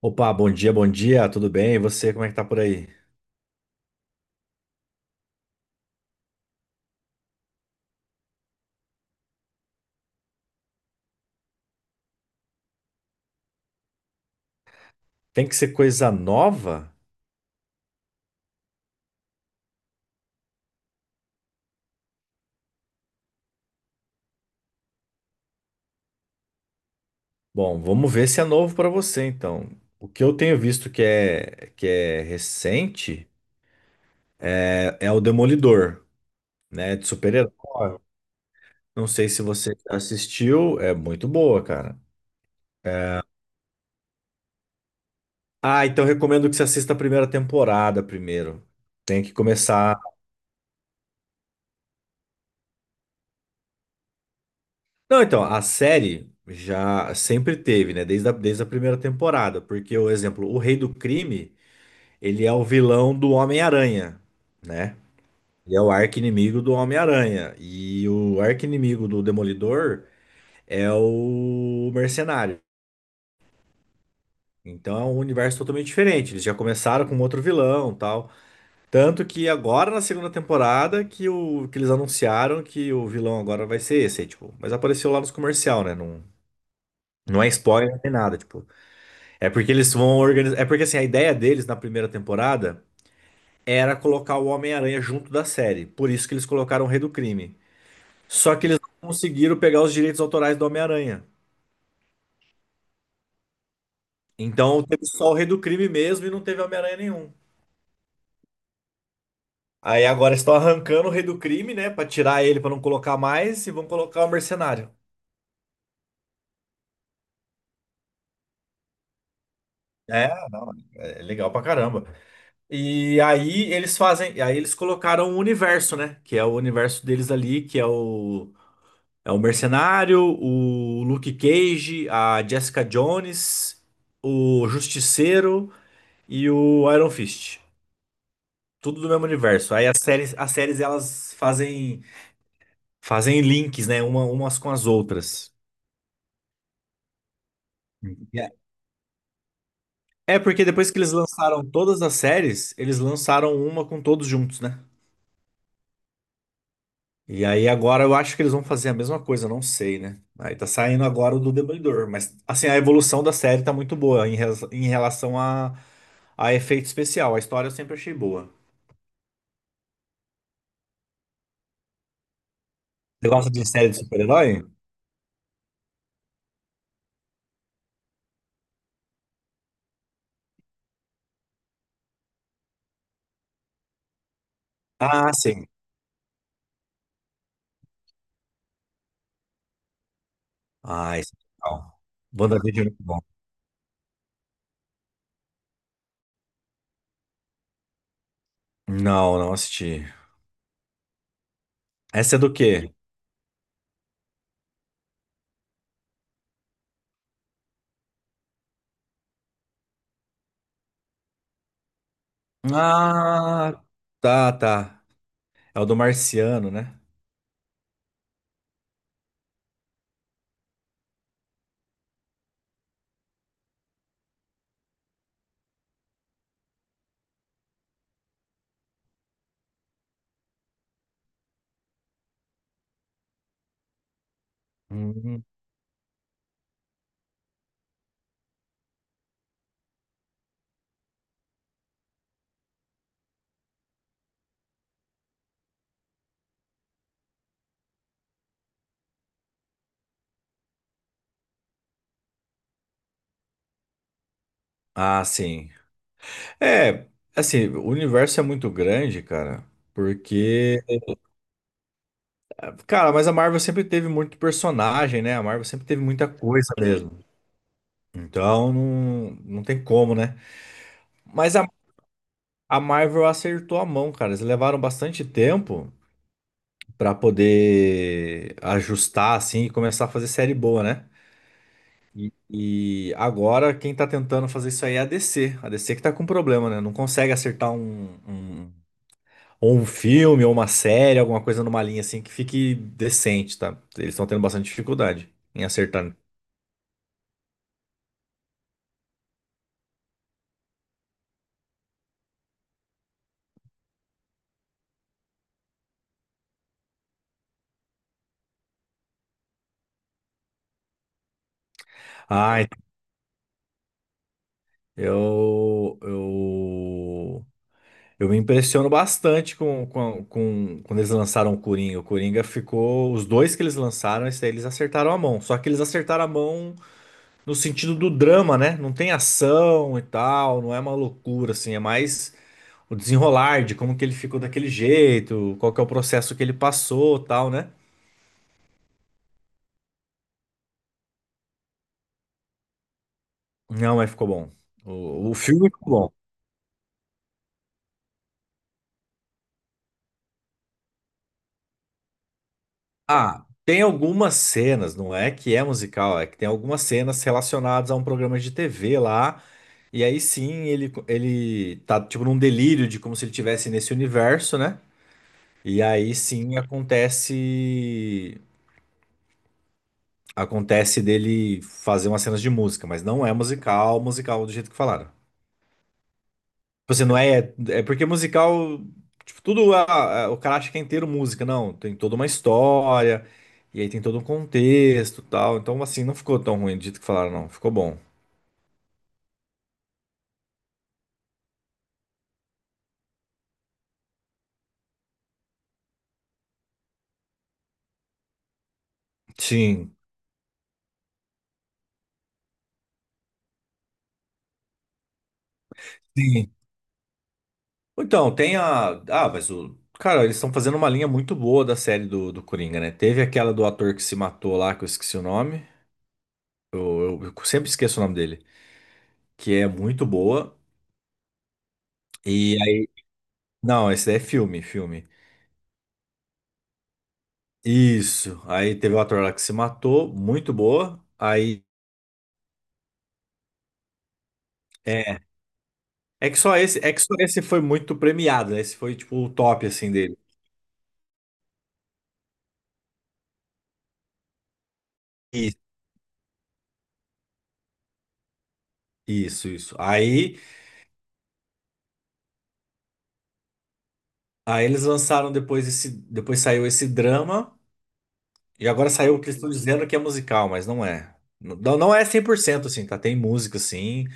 Opa, bom dia, tudo bem? E você, como é que tá por aí? Tem que ser coisa nova? Bom, vamos ver se é novo pra você, então. O que eu tenho visto que é recente é o Demolidor, né? De super-herói. Não sei se você assistiu, é muito boa, cara. Ah, então recomendo que você assista a primeira temporada primeiro. Tem que começar. Não, então, a série já sempre teve, né? Desde a primeira temporada, porque, o exemplo, o Rei do Crime. Ele é o vilão do Homem-Aranha, né? Ele é o arqui-inimigo do Homem-Aranha. E o arqui-inimigo do Demolidor é o Mercenário. Então é um universo totalmente diferente. Eles já começaram com outro vilão, tal. Tanto que agora na segunda temporada que, o, que eles anunciaram que o vilão agora vai ser esse, aí, tipo, mas apareceu lá nos comercial, né? Não, não é spoiler, não tem nada, tipo. É porque eles vão organizar, é porque assim, a ideia deles na primeira temporada era colocar o Homem-Aranha junto da série. Por isso que eles colocaram o Rei do Crime. Só que eles não conseguiram pegar os direitos autorais do Homem-Aranha. Então teve só o Rei do Crime mesmo e não teve Homem-Aranha nenhum. Aí agora estão arrancando o Rei do Crime, né? Pra tirar ele, pra não colocar mais, e vão colocar o Mercenário. É, não, é legal pra caramba. E aí eles fazem, aí eles colocaram o universo, né? Que é o universo deles ali, que é o É o Mercenário, o Luke Cage, a Jessica Jones, o Justiceiro e o Iron Fist. Tudo do mesmo universo. Aí as séries elas fazem fazem links, né, uma, umas com as outras. É É porque depois que eles lançaram todas as séries, eles lançaram uma com todos juntos, né? E aí agora eu acho que eles vão fazer a mesma coisa, não sei, né? Aí tá saindo agora o do Demolidor, mas assim, a evolução da série tá muito boa em, res- em relação a efeito especial. A história eu sempre achei boa. Você gosta de série de super-herói? Ah, sim. Ah, isso é legal. WandaVision é muito bom. Não, não assisti. Essa é do quê? Ah, tá, tá. É o do Marciano, né? Uhum. Ah, sim. É, assim, o universo é muito grande, cara, porque Cara, mas a Marvel sempre teve muito personagem, né? A Marvel sempre teve muita coisa mesmo. Então não, não tem como, né? Mas a Marvel acertou a mão, cara. Eles levaram bastante tempo pra poder ajustar assim e começar a fazer série boa, né? E agora quem tá tentando fazer isso aí é a DC. A DC que tá com problema, né? Não consegue acertar um, um, ou um filme ou uma série, alguma coisa numa linha assim que fique decente, tá? Eles estão tendo bastante dificuldade em acertar. Ah, Eu, eu, eu me impressiono bastante com- quando eles lançaram o Coringa. O Coringa ficou. Os dois que eles lançaram, esse daí eles acertaram a mão. Só que eles acertaram a mão no sentido do drama, né? Não tem ação e tal, não é uma loucura, assim. É mais o desenrolar de como que ele ficou daquele jeito, qual que é o processo que ele passou, e tal, né? Não, mas ficou bom. O filme ficou bom. Ah, tem algumas cenas, não é que é musical, é que tem algumas cenas relacionadas a um programa de TV lá, e aí sim ele tá tipo num delírio de como se ele estivesse nesse universo, né? E aí sim acontece acontece dele fazer umas cenas de música, mas não é musical, musical do jeito que falaram. Você não é. É porque musical. Tipo, tudo. A- o cara acha que é inteiro música. Não, tem toda uma história. E aí tem todo um contexto e tal. Então, assim, não ficou tão ruim do jeito que falaram, não. Ficou bom. Sim, sim. Então, tem a. Ah, mas o. Cara, eles estão fazendo uma linha muito boa da série do Coringa, né? Teve aquela do ator que se matou lá, que eu esqueci o nome. Eu sempre esqueço o nome dele. Que é muito boa. E aí. Não, esse daí é filme, filme. Isso. Aí teve o ator lá que se matou, muito boa. Aí é, é que só esse foi muito premiado, né? Esse foi tipo o top assim dele. Isso, isso. Aí, aí eles lançaram depois esse, depois saiu esse drama e agora saiu o que eles estão dizendo que é musical, mas não é. Não, não é 100% assim, tá? Tem música sim,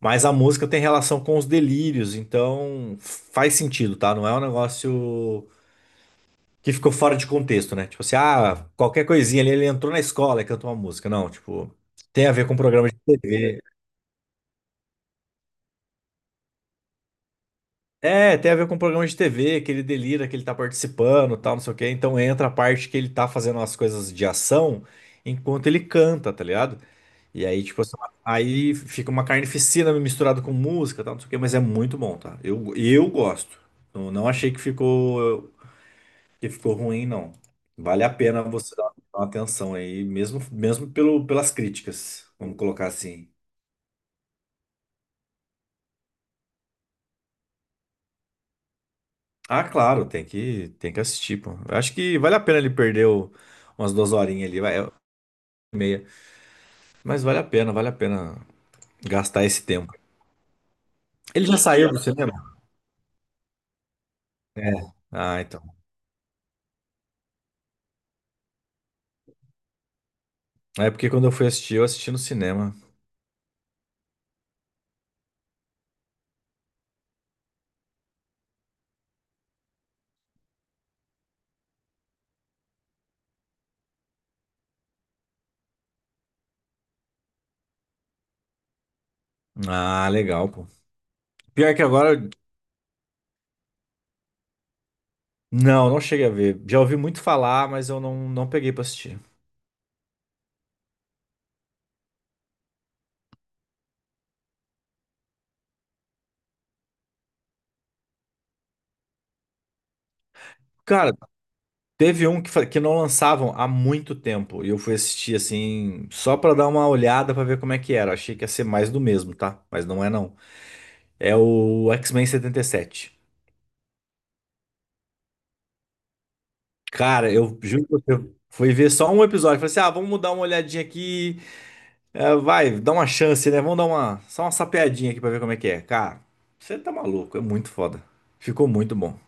mas a música tem relação com os delírios, então faz sentido, tá? Não é um negócio que ficou fora de contexto, né? Tipo assim, ah, qualquer coisinha ali, ele entrou na escola e cantou uma música. Não, tipo, tem a ver com programa de TV. É, tem a ver com programa de TV, que ele delira, que ele tá participando, tal, não sei o quê. Então entra a parte que ele tá fazendo as coisas de ação enquanto ele canta, tá ligado? E aí, tipo assim, aí fica uma carnificina misturada com música, tal, não sei o quê, mas é muito bom, tá? Eu gosto. Não, não achei que ficou ruim, não. Vale a pena você dar uma atenção aí, mesmo, mesmo pelo, pelas críticas, vamos colocar assim. Ah, claro, tem que assistir, pô. Eu acho que vale a pena ele perder o- umas duas horinhas ali, vai, meia. Mas vale a pena gastar esse tempo. Ele já saiu do cinema? É. Ah, então. É porque quando eu fui assistir, eu assisti no cinema. Ah, legal, pô. Pior que agora. Não, não cheguei a ver. Já ouvi muito falar, mas eu não, não peguei pra assistir. Cara, teve um que, fa- que não lançavam há muito tempo e eu fui assistir assim, só pra dar uma olhada pra ver como é que era. Achei que ia ser mais do mesmo, tá? Mas não é não. É o X-Men 77. Cara, eu juro que eu fui ver só um episódio. Falei assim: ah, vamos dar uma olhadinha aqui. É, vai, dá uma chance, né? Vamos dar uma, só uma sapeadinha aqui pra ver como é que é. Cara, você tá maluco, é muito foda. Ficou muito bom.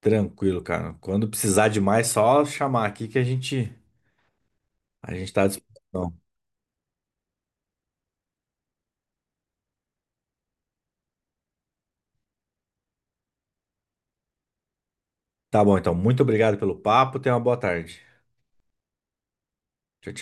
Tranquilo, cara. Quando precisar de mais, só chamar aqui a gente tá à disposição. Tá bom, então. Muito obrigado pelo papo. Tenha uma boa tarde. Tchau, tchau.